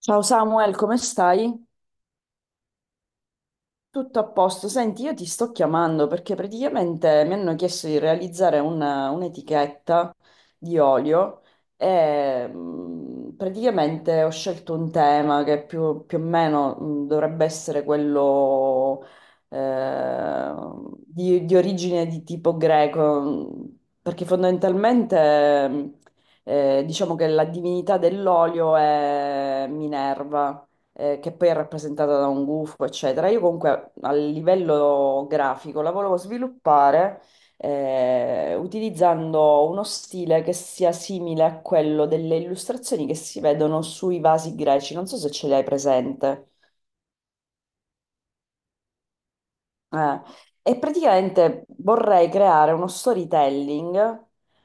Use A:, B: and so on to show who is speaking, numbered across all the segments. A: Ciao Samuel, come stai? Tutto a posto. Senti, io ti sto chiamando perché praticamente mi hanno chiesto di realizzare una- un'etichetta di olio e praticamente ho scelto un tema che più, più o meno dovrebbe essere quello eh, di origine di tipo greco, perché fondamentalmente diciamo che la divinità dell'olio è Minerva, che poi è rappresentata da un gufo, eccetera. Io comunque a livello grafico la volevo sviluppare utilizzando uno stile che sia simile a quello delle illustrazioni che si vedono sui vasi greci. Non so se ce l'hai presente. Eh, e praticamente vorrei creare uno storytelling,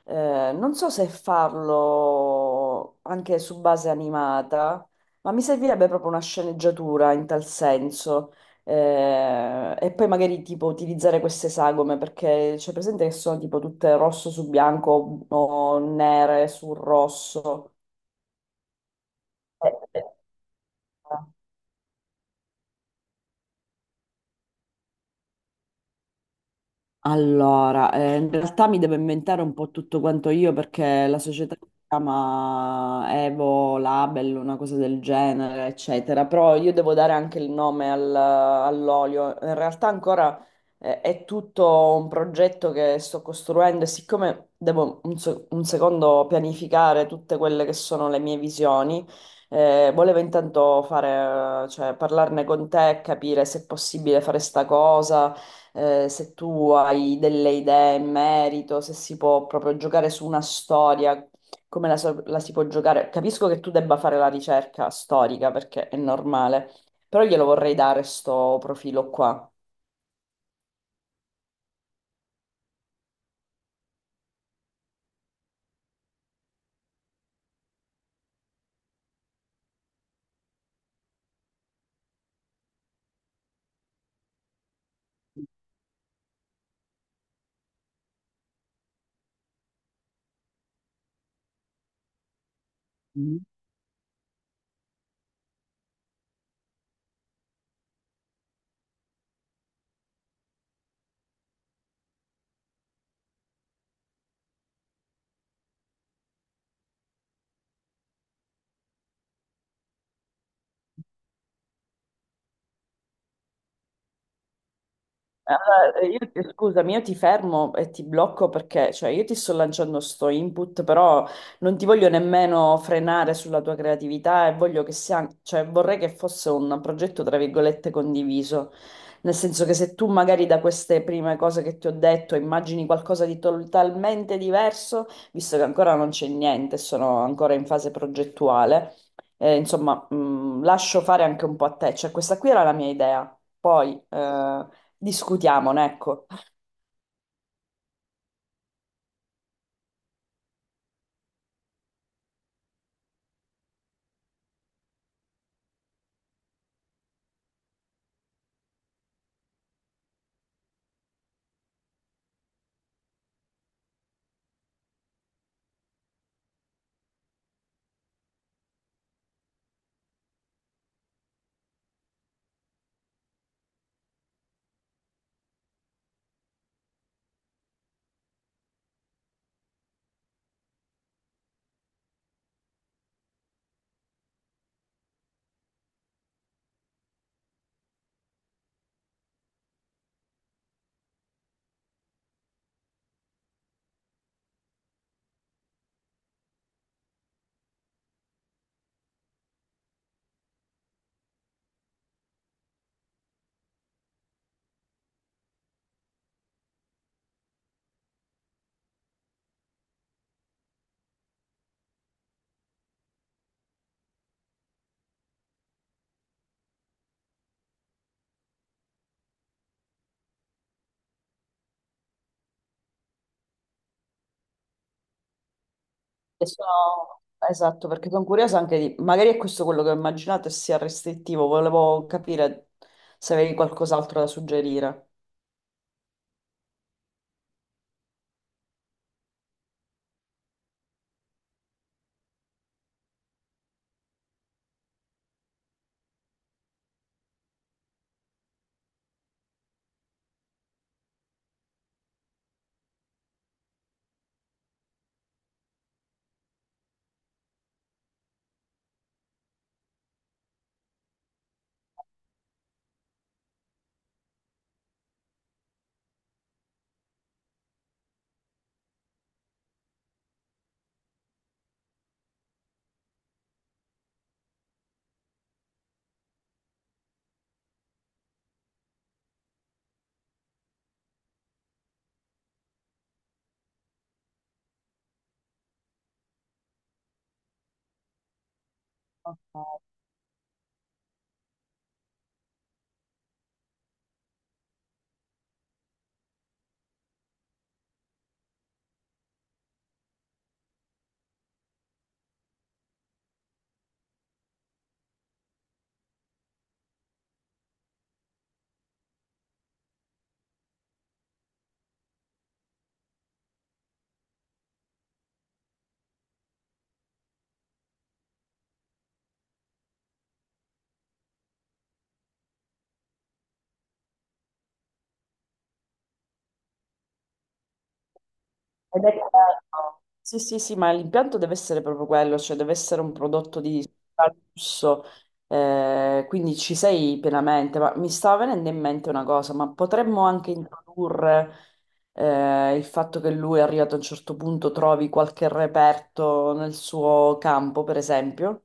A: non so se farlo anche su base animata, ma mi servirebbe proprio una sceneggiatura in tal senso. E poi magari tipo utilizzare queste sagome perché c'è presente che sono tipo tutte rosso su bianco o nere su rosso. Eh, eh. Allora, in realtà mi devo inventare un po' tutto quanto io perché la società si chiama Evo Label, una cosa del genere, eccetera, però io devo dare anche il nome al- all'olio. In realtà ancora è tutto un progetto che sto costruendo e siccome devo un, se- un secondo pianificare tutte quelle che sono le mie visioni, volevo intanto fare, cioè, parlarne con te, capire se è possibile fare sta cosa, se tu hai delle idee in merito, se si può proprio giocare su una storia, come la, so- la si può giocare. Capisco che tu debba fare la ricerca storica perché è normale, però glielo vorrei dare sto profilo qua. Allora, io, scusami, io ti fermo e ti blocco perché, cioè, io ti sto lanciando sto input, però non ti voglio nemmeno frenare sulla tua creatività e voglio che sia, cioè, vorrei che fosse un progetto, tra virgolette, condiviso. Nel senso che se tu magari da queste prime cose che ti ho detto immagini qualcosa di totalmente diverso, visto che ancora non c'è niente, sono ancora in fase progettuale, insomma, lascio fare anche un po' a te. Cioè, questa qui era la mia idea. Poi discutiamone, ecco. E sono- Esatto, perché sono curiosa anche di... Magari è questo quello che ho immaginato e sia restrittivo. Volevo capire se avevi qualcos'altro da suggerire. Ok. Ed è quello. Sì, sì, sì, ma l'impianto deve essere proprio quello, cioè deve essere un prodotto di lusso, quindi ci sei pienamente. Ma mi stava venendo in mente una cosa, ma potremmo anche introdurre il fatto che lui è arrivato a un certo punto, trovi qualche reperto nel suo campo, per esempio?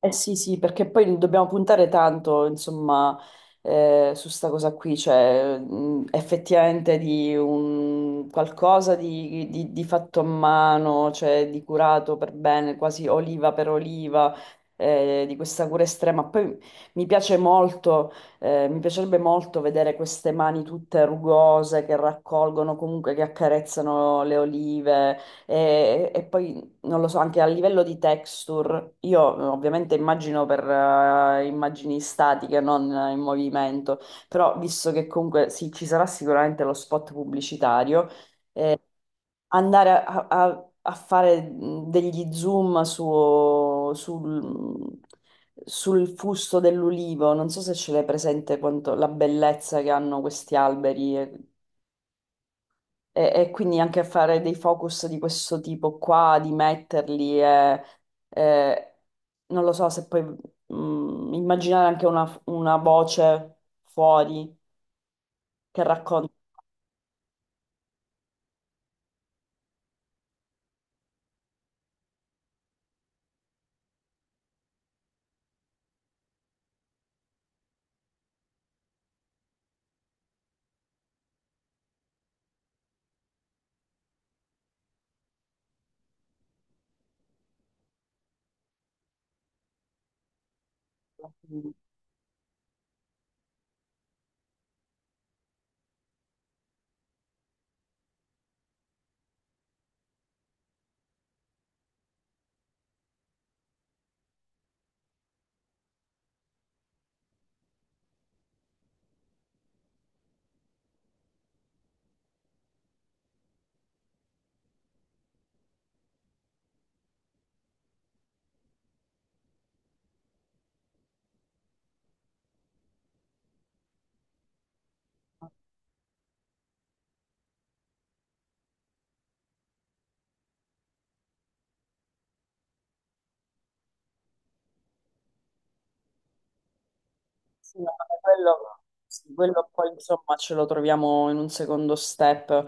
A: Eh sì, sì, perché poi dobbiamo puntare tanto, insomma, su sta cosa qui, cioè effettivamente di un qualcosa di fatto a mano, cioè di curato per bene, quasi oliva per oliva, di questa cura estrema. Poi mi piace molto, mi piacerebbe molto vedere queste mani tutte rugose che raccolgono, comunque che accarezzano le olive e poi non lo so, anche a livello di texture, io ovviamente immagino per immagini statiche, non in movimento, però visto che comunque sì, ci sarà sicuramente lo spot pubblicitario, andare a, a- a fare degli zoom su- sul, sul fusto dell'ulivo, non so se ce l'hai presente quanto, la bellezza che hanno questi alberi, e quindi anche fare dei focus di questo tipo qua, di metterli, e non lo so se poi immaginare anche una voce fuori che racconta. Sì, no, vabbè, quello, sì, quello poi insomma ce lo troviamo in un secondo step.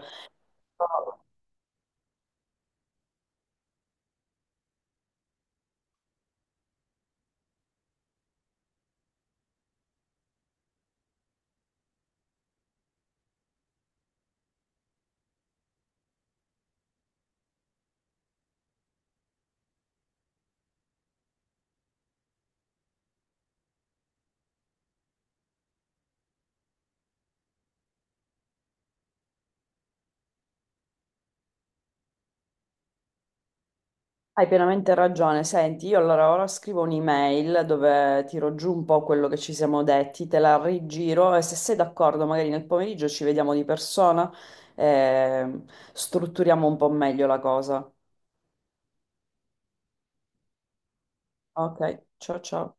A: Hai pienamente ragione. Senti, io allora ora scrivo un'email dove tiro giù un po' quello che ci siamo detti, te la rigiro e se sei d'accordo, magari nel pomeriggio ci vediamo di persona e strutturiamo un po' meglio la cosa. Ok, ciao ciao.